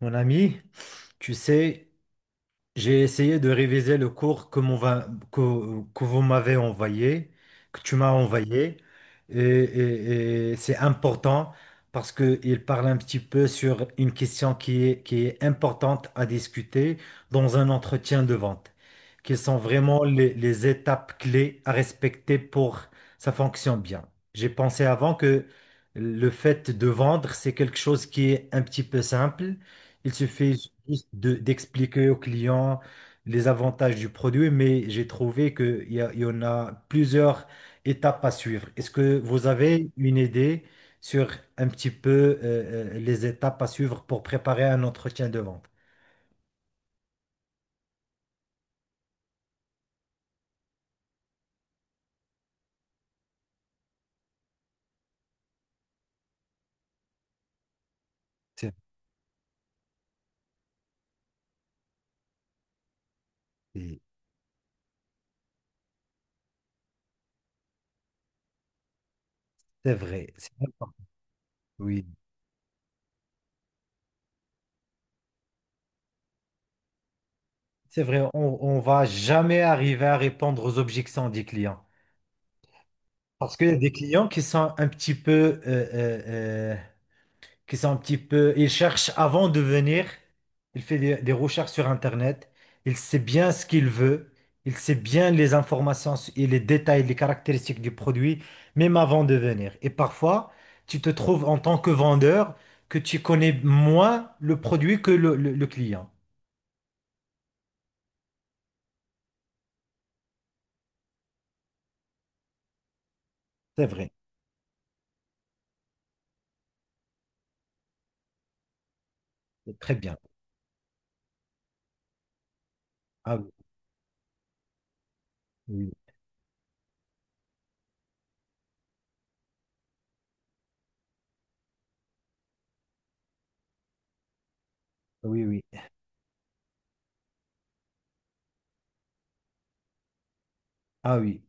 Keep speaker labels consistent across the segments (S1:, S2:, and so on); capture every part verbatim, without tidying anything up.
S1: Mon ami, tu sais, j'ai essayé de réviser le cours que, mon va- que- que vous m'avez envoyé, que tu m'as envoyé, et, et- et c'est important parce qu'il parle un petit peu sur une question qui est, qui est importante à discuter dans un entretien de vente, qui sont vraiment les, les étapes clés à respecter pour que ça fonctionne bien. J'ai pensé avant que le fait de vendre, c'est quelque chose qui est un petit peu simple, il suffit juste de- d'expliquer au client les avantages du produit, mais j'ai trouvé qu'il y a- il y en a plusieurs étapes à suivre. Est-ce que vous avez une idée sur un petit peu euh, euh, les étapes à suivre pour préparer un entretien de vente? C'est c'est- C'est vrai, c'est important. Oui. C'est vrai, on ne va jamais arriver à répondre aux objections des clients. Parce qu'il y a des clients qui sont un petit peu euh, euh, euh, qui sont un petit peu, il cherche avant de venir, il fait des, des recherches sur Internet, il sait bien ce qu'il veut, il sait bien les informations et les détails, les caractéristiques du produit, même avant de venir. Et parfois, tu te trouves en tant que vendeur que tu connais moins le produit que le, le- le client. C'est vrai, c'est très bien. Ah oui, oui, oui, oui. Ah oui.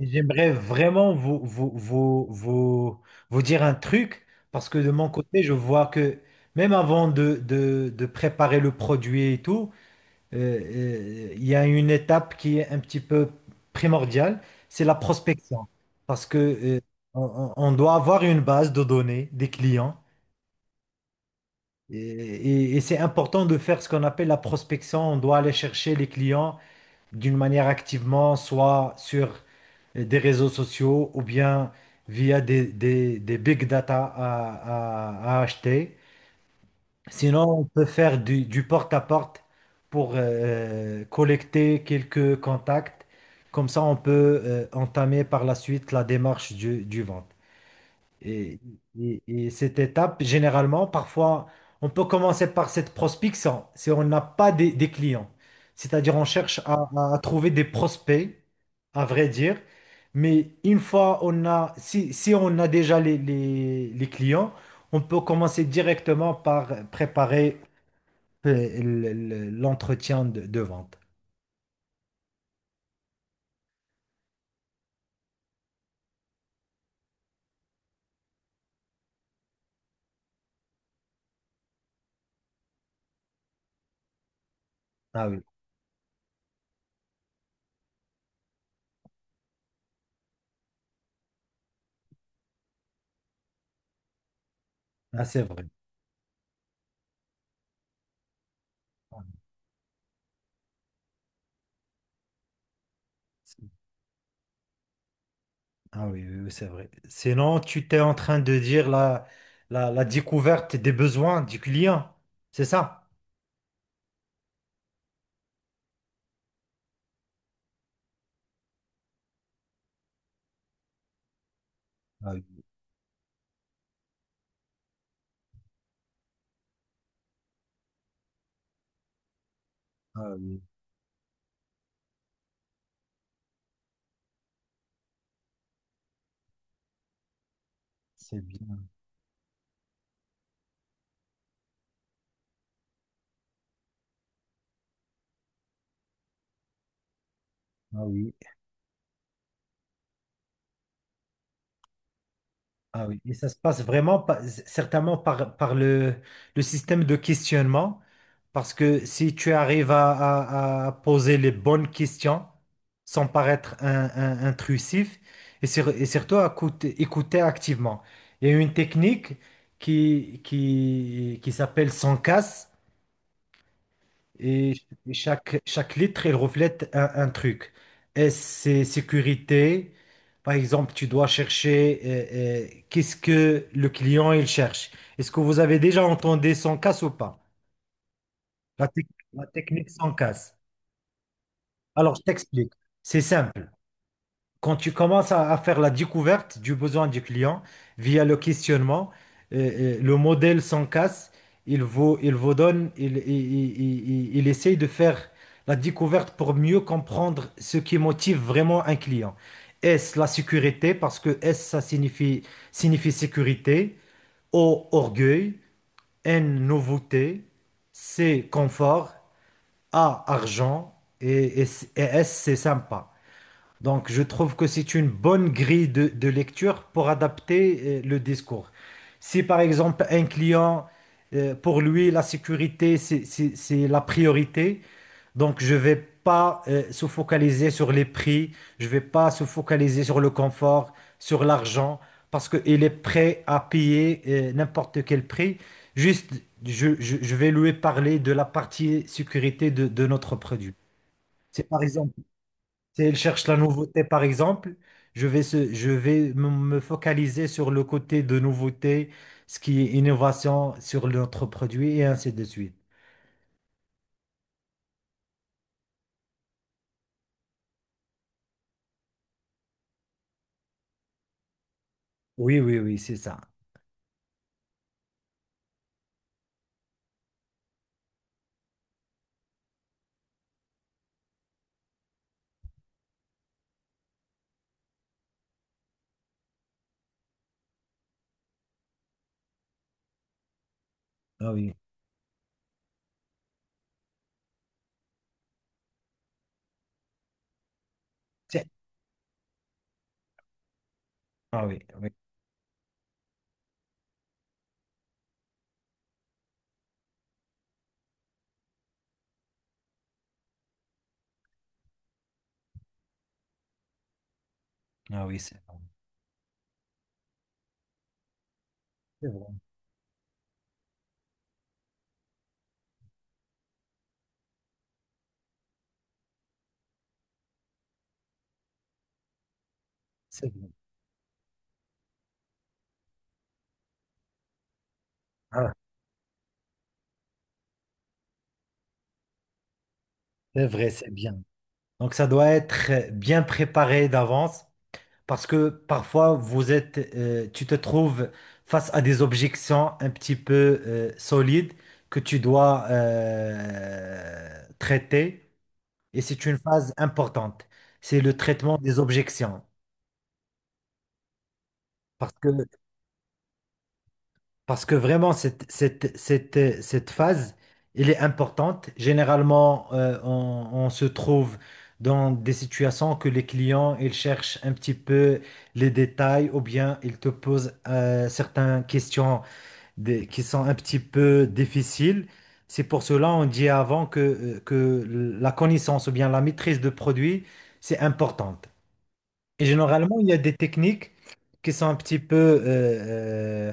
S1: J'aimerais vraiment vous, vous, vous, vous, vous dire un truc, parce que de mon côté, je vois que même avant de, de, de préparer le produit et tout, euh, euh, il y a une étape qui est un petit peu primordiale, c'est la prospection. Parce que, euh, on, on- on doit avoir une base de données des clients, et, et et c'est important de faire ce qu'on appelle la prospection. On doit aller chercher les clients d'une manière activement, soit sur euh, des réseaux sociaux ou bien via des, des- des big data à, à- à acheter. Sinon, on peut faire du, du porte-à-porte pour euh, collecter quelques contacts. Comme ça, on peut euh, entamer par la suite la démarche du, du vente. Et, et- et cette étape, généralement, parfois, on peut commencer par cette prospection, si on n'a pas des, des clients. C'est-à-dire, on cherche à, à trouver des prospects, à vrai dire. Mais une fois on a, si, si on a déjà les, les- les clients, on peut commencer directement par préparer euh, le- le- l'entretien de, de vente. Ah oui, ah, c'est vrai. Ah oui, oui, oui, c'est vrai. Sinon, tu t'es en train de dire la, la, la découverte des besoins du client, c'est ça? Ah oui, ah oui, c'est bien. Ah oui, ah oui. Et ça se passe vraiment pa- certainement par, par le, le système de questionnement, parce que si tu arrives à, à- à poser les bonnes questions sans paraître un- un- intrusif, et, sur- et surtout à écouter, écouter activement. Il y a une technique qui, qui, qui s'appelle sans casse. Et et chaque, chaque lettre, elle reflète un, un truc. S, c'est sécurité. Par exemple, tu dois chercher euh, euh, qu'est-ce que le client il cherche. Est-ce que vous avez déjà entendu sans casse ou pas? La, tec- la technique sans casse. Alors, je t'explique. C'est simple. Quand tu commences à, à faire la découverte du besoin du client via le questionnement, euh, euh, le modèle s'en casse, il vous, il vous donne, il, il, il- il- il essaye de faire la découverte pour mieux comprendre ce qui motive vraiment un client. Est-ce la sécurité? Parce que S, ça signifie, signifie sécurité. O, orgueil. N, nouveauté. C, confort. A, argent. Et, et et S, c'est sympa. Donc, je trouve que c'est une bonne grille de, de lecture pour adapter euh, le discours. Si par exemple un client, euh, pour lui, la sécurité, c'est c'est- c'est la priorité, donc je vais pas euh, se focaliser sur les prix, je vais pas se focaliser sur le confort, sur l'argent, parce qu'il est prêt à payer euh, n'importe quel prix. Juste, je, je- je vais lui parler de la partie sécurité de, de notre produit. C'est par exemple. Si elle cherche la nouveauté, par exemple, je vais, se- je vais me me focaliser sur le côté de nouveauté, ce qui est innovation sur notre produit et ainsi de suite. Oui, oui, oui, c'est ça. Ah oui. C'est- Ah oui, oui. Ah oui, c'est vrai. C'est vrai. C'est vrai. Ah, c'est vrai, c'est bien. Donc, ça doit être bien préparé d'avance. Parce que parfois, vous êtes, euh, tu te trouves face à des objections un petit peu euh, solides que tu dois euh, traiter. Et c'est une phase importante. C'est le traitement des objections. Parce que, parce que vraiment, cette, cette, cette, cette phase, elle est importante. Généralement, euh, on, on se trouve dans des situations que les clients, ils cherchent un petit peu les détails ou bien ils te posent euh, certaines questions des- qui sont un petit peu difficiles. C'est pour cela on dit avant que, euh, que la connaissance ou bien la maîtrise de produit, c'est importante. Et généralement, il y a des techniques qui sont un petit peu euh, euh,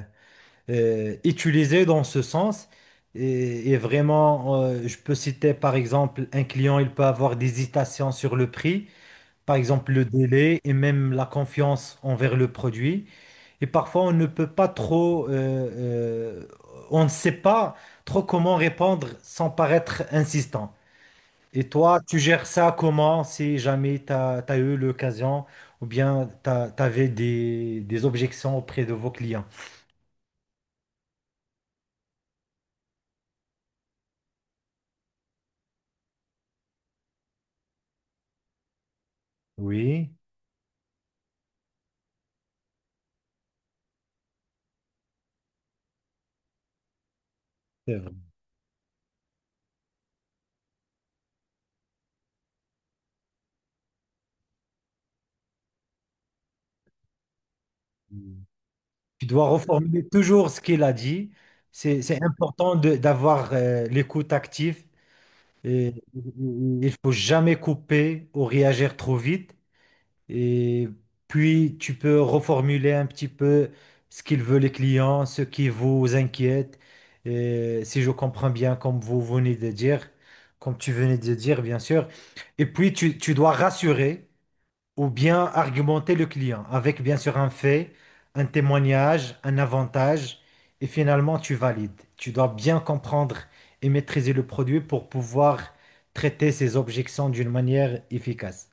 S1: euh, utilisées dans ce sens. Et, et vraiment, euh, je peux citer par exemple, un client, il peut avoir des hésitations sur le prix, par exemple le délai et même la confiance envers le produit. Et parfois, on ne peut pas trop, euh, euh, on ne sait pas trop comment répondre sans paraître insistant. Et toi, tu gères ça comment si jamais tu as eu l'occasion ou bien tu avais des, des objections auprès de vos clients? Oui, c'est vrai. Tu dois reformuler toujours ce qu'il a dit. C'est, c'est important de- d'avoir euh, l'écoute active. Et il faut jamais couper ou réagir trop vite. Et puis, tu peux reformuler un petit peu ce qu'ils veulent les clients, ce qui vous inquiète. Et si je comprends bien, comme vous venez de dire, comme tu venais de dire, bien sûr. Et puis, tu, tu dois rassurer ou bien argumenter le client avec, bien sûr, un fait, un témoignage, un avantage. Et finalement, tu valides. Tu dois bien comprendre et maîtriser le produit pour pouvoir traiter ces objections d'une manière efficace.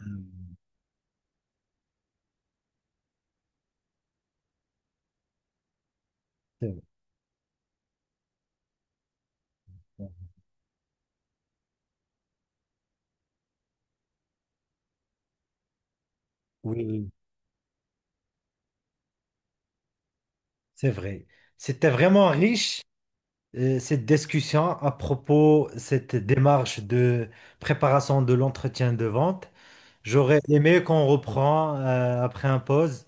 S1: Hmm, c'est vrai. Oui, c'est vrai. C'était vraiment riche, euh, cette discussion à propos de cette démarche de préparation de l'entretien de vente. J'aurais aimé qu'on reprend, euh, après un pause.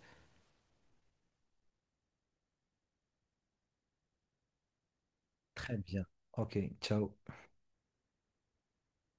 S1: Très bien. OK, ciao.